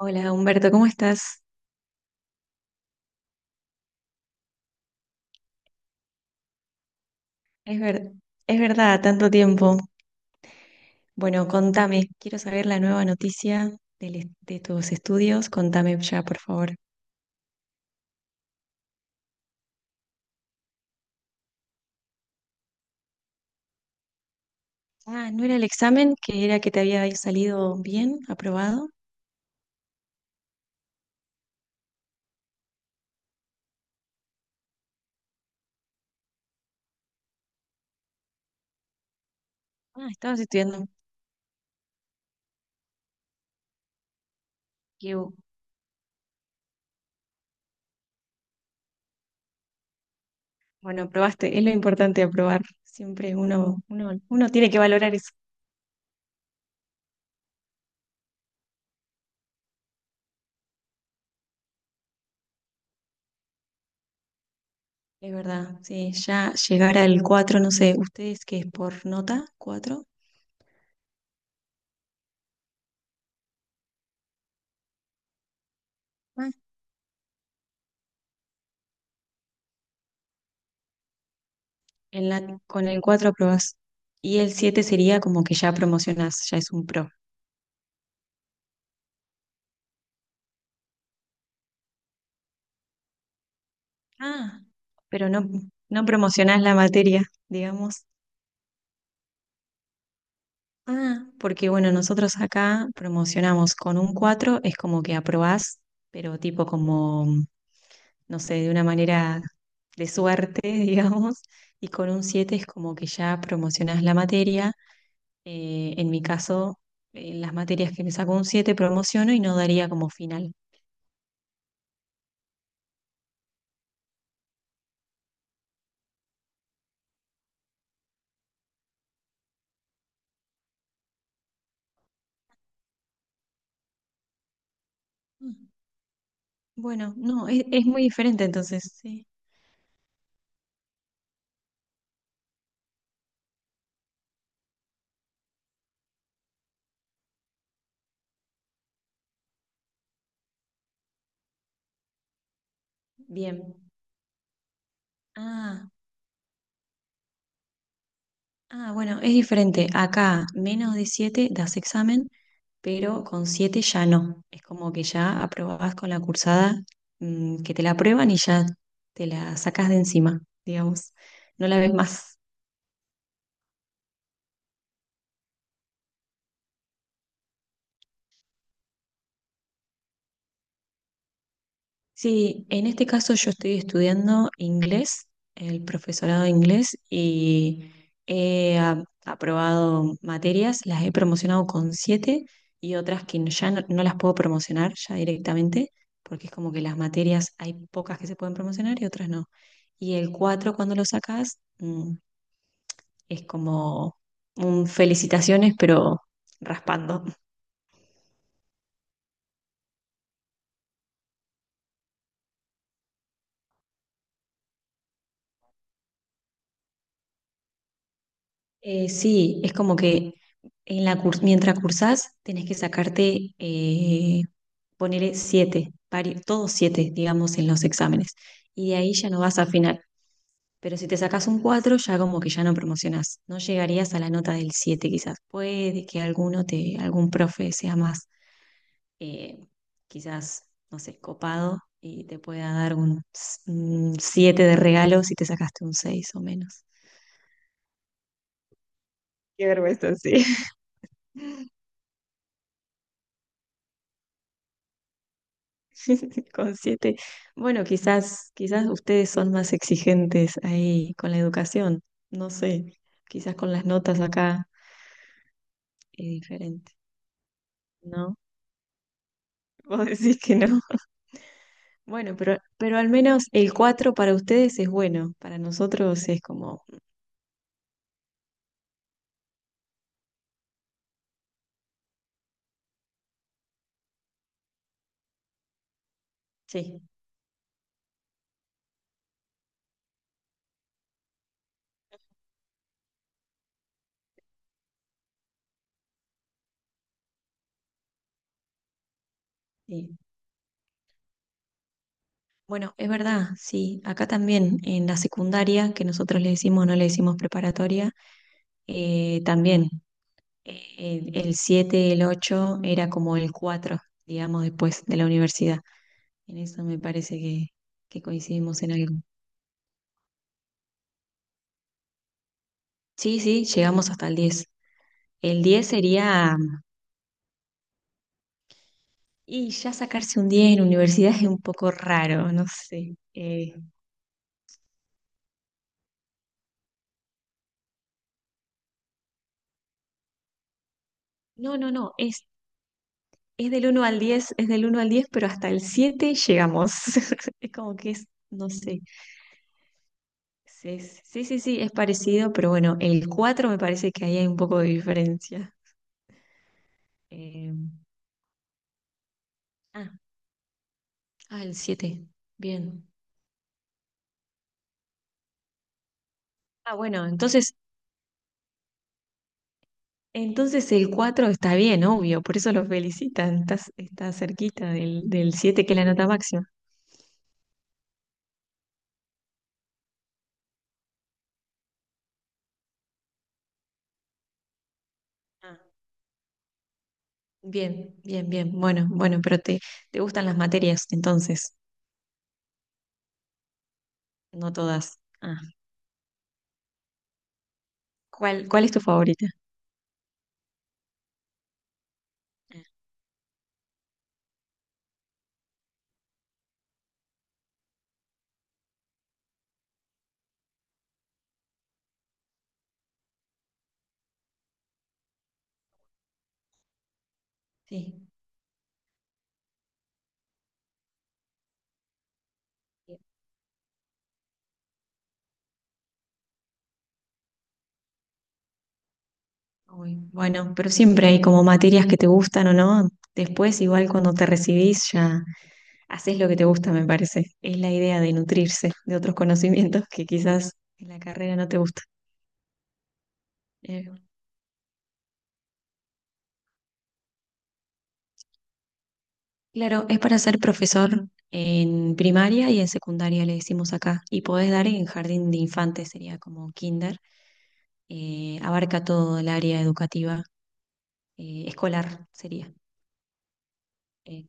Hola Humberto, ¿cómo estás? Es ver- es verdad, tanto tiempo. Bueno, contame, quiero saber la nueva noticia de tus estudios, contame ya, por favor. Ah, ¿no era el examen que era que te había salido bien, aprobado? Ah, estabas estudiando. Qué bu- bueno, aprobaste, es lo importante aprobar. Siempre uno tiene que valorar eso. Es verdad, sí, ya llegar al 4, no sé, ¿ustedes qué es por nota? 4. Con el 4 aprobás. Y el siete sería como que ya promocionás, ya es un pro. Ah, pero no, no promocionás la materia, digamos. Ah, porque bueno, nosotros acá promocionamos con un 4 es como que aprobás, pero tipo como, no sé, de una manera de suerte, digamos. Y con un 7 es como que ya promocionás la materia. En mi caso, en las materias que me saco un 7 promociono y no daría como final. Bueno, no, es muy diferente entonces. Sí. Bien. Ah, ah, bueno, es diferente. Acá menos de 7 das examen, pero con 7 ya no. Es como que ya aprobás con la cursada, que te la aprueban y ya te la sacás de encima, digamos. No la ves más. Sí, en este caso yo estoy estudiando inglés, el profesorado de inglés, y aprobado materias, las he promocionado con siete y otras que no- ya no, no las puedo promocionar ya directamente, porque es como que las materias hay pocas que se pueden promocionar y otras no. Y el cuatro cuando lo sacas, es como un felicitaciones, pero raspando. Sí, es como que mientras cursás tenés que sacarte, poner siete, todos siete, digamos, en los exámenes. Y de ahí ya no vas a final. Pero si te sacás un cuatro, ya como que ya no promocionás. No llegarías a la nota del siete, quizás. Puede que alguno te, algún profe sea más, eh, quizás, no sé, copado y te pueda dar un siete de regalo si te sacaste un seis o menos. Qué vergüenza, sí. Con siete. Bueno, quizás, quizás ustedes son más exigentes ahí con la educación. No sé. Quizás con las notas acá es diferente, ¿no? Vos decís que no. Bueno, pero al menos el 4 para ustedes es bueno. Para nosotros es como, sí, sí. Bueno, es verdad, sí. Acá también en la secundaria, que nosotros le decimos, no le decimos preparatoria, también. El 7, el 8 era como el 4 digamos, después de la universidad. En eso me parece que coincidimos en algo. Sí, sí, llegamos hasta el diez. El 10 sería, y ya sacarse un 10 en universidad es un poco raro, no sé. No, no, no, es del uno al diez, es del uno al diez, pero hasta el 7 llegamos. Es como que es, no sé. Sí, sí, sí, sí, es parecido, pero bueno, el 4 me parece que ahí hay un poco de diferencia. Eh, Ah, Ah, el siete. Bien. Ah, bueno, entonces, entonces el 4 está bien, obvio, por eso lo felicitan. Estás, está cerquita del, del 7 que es la nota máxima. Ah, bien, bien, bien. Bueno, bueno, pero te gustan las materias, entonces, no todas. Ah, ¿cuál, cuál es tu favorita? Ah, sí. Bien. Uy, bueno, pero siempre hay como materias que te gustan o no. Después, igual cuando te recibís, ya. Haces lo que te gusta, me parece. Es la idea de nutrirse de otros conocimientos que quizás en la carrera no te gusta. Eh, claro, es para ser profesor en primaria y en secundaria, le decimos acá. Y podés dar en jardín de infantes, sería como kinder. Abarca todo el área educativa, escolar sería. Eh,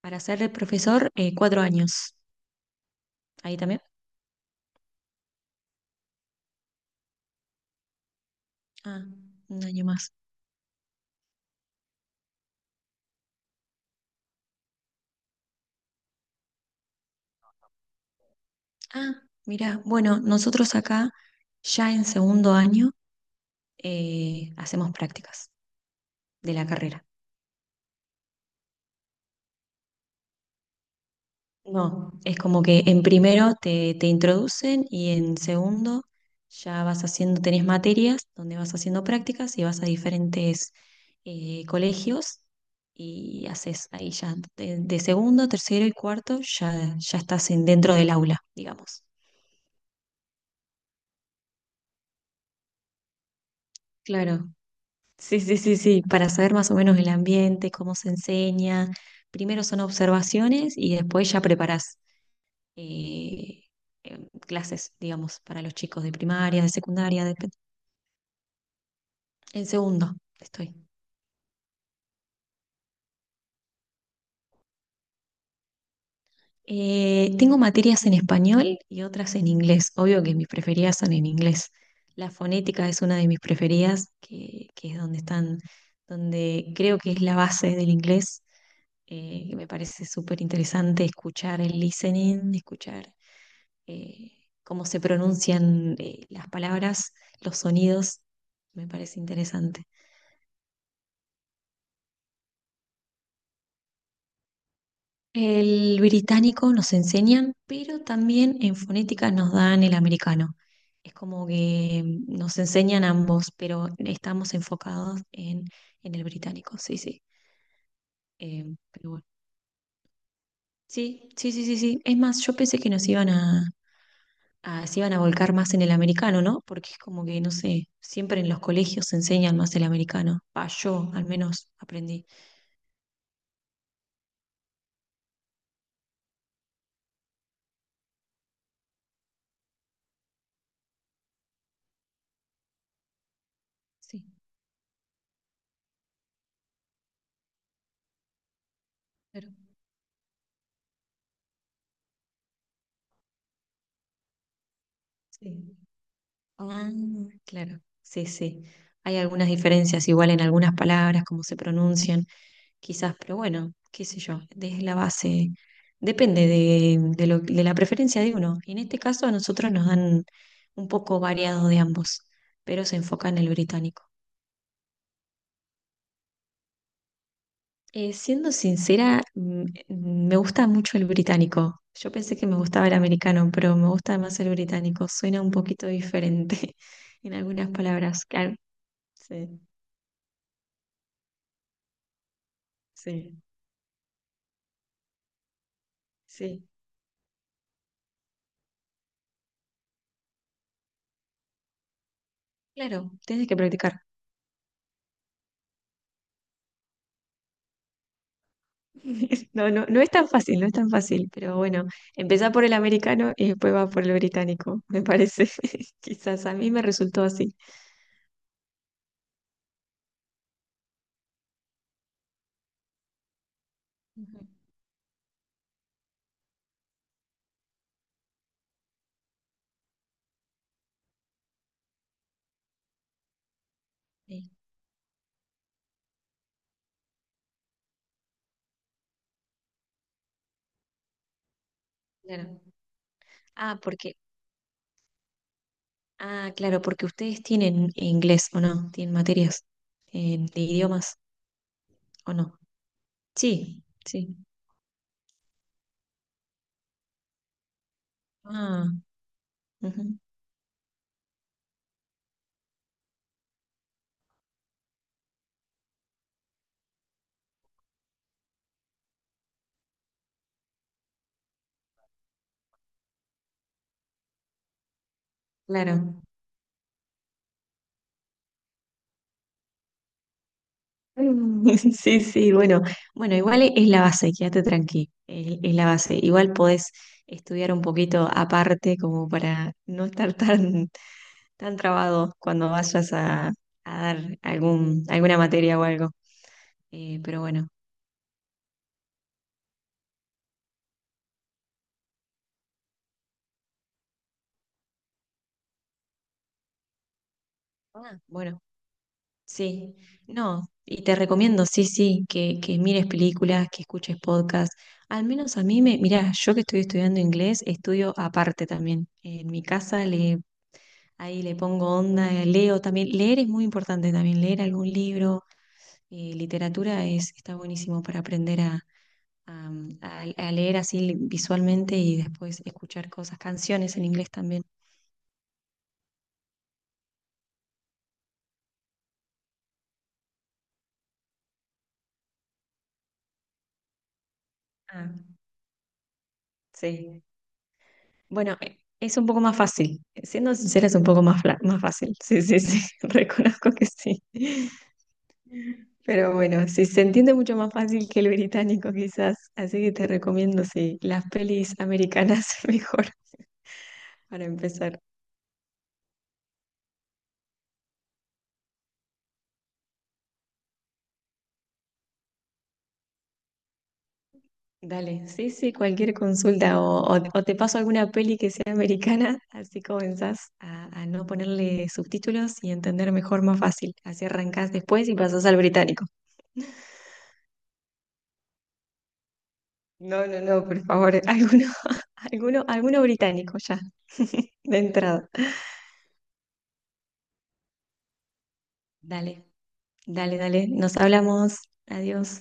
para ser profesor, cuatro años. Ahí también. Ah, un año más. Ah, mira, bueno, nosotros acá ya en segundo año hacemos prácticas de la carrera. No, es como que en primero te, te introducen y en segundo ya vas haciendo, tenés materias donde vas haciendo prácticas y vas a diferentes colegios y haces ahí ya de segundo, tercero y cuarto ya, ya estás en, dentro del aula, digamos. Claro, sí, sí, sí, sí, para saber más o menos el ambiente, cómo se enseña. Primero son observaciones y después ya preparás eh, eh, clases, digamos, para los chicos de primaria, de secundaria, de... En segundo estoy. Tengo materias en español y otras en inglés. Obvio que mis preferidas son en inglés. La fonética es una de mis preferidas, que es donde están, donde creo que es la base del inglés, que me parece súper interesante escuchar el listening, escuchar eh, cómo se pronuncian las palabras, los sonidos, me parece interesante. El británico nos enseñan, pero también en fonética nos dan el americano. Es como que nos enseñan ambos, pero estamos enfocados en el británico, sí, sí. Pero bueno. Sí, sí, sí, sí, sí. Es más, yo pensé que nos iban a, se iban a volcar más en el americano, ¿no? Porque es como que, no sé, siempre en los colegios se enseñan más el americano. Pa, yo al menos aprendí. Sí, claro. Sí. Ah, claro, sí, sí. Hay algunas diferencias igual en algunas palabras, cómo se pronuncian, quizás, pero bueno, qué sé yo, desde la base, depende de, de la preferencia de uno. Y en este caso a nosotros nos dan un poco variado de ambos, pero se enfoca en el británico. Siendo sincera, me gusta mucho el británico. Yo pensé que me gustaba el americano, pero me gusta más el británico. Suena un poquito diferente en algunas palabras. Claro, sí, sí. Sí, claro, tienes que practicar. No, no, no es tan fácil, no es tan fácil, pero bueno, empezá por el americano y después va por el británico, me parece. Quizás a mí me resultó así. Ujú, sí, claro. Ah, porque, ah, claro, porque ustedes tienen inglés o no, tienen materias de idiomas o no. Sí, sí. Ah, ujú, claro. Mm, sí, sí, bueno, bueno, igual es la base, quédate tranqui, es la base. Igual podés estudiar un poquito aparte como para no estar tan, tan trabado cuando vayas a dar algún, alguna materia o algo. Pero bueno, ah, bueno, sí, no, y te recomiendo, sí, sí, que mires películas, que escuches podcasts. Al menos a mí me, mirá, yo que estoy estudiando inglés, estudio aparte también. En mi casa ahí le pongo onda, leo también. Leer es muy importante también, leer algún libro. Literatura es, está buenísimo para aprender a, a- a leer así visualmente y después escuchar cosas, canciones en inglés también. Ah, sí. Bueno, es un poco más fácil. Siendo sincera, es un poco más, más fácil. Sí, sí, sí, reconozco que sí. Pero bueno, sí, se entiende mucho más fácil que el británico quizás. Así que te recomiendo, sí, las pelis americanas mejor para empezar. Dale, sí, sí, cualquier consulta o te paso alguna peli que sea americana, así comenzás a no ponerle subtítulos y entender mejor más fácil. Así arrancás después y pasás al británico. No, no, no, por favor, alguno británico ya, de entrada. Dale, dale, nos hablamos, adiós.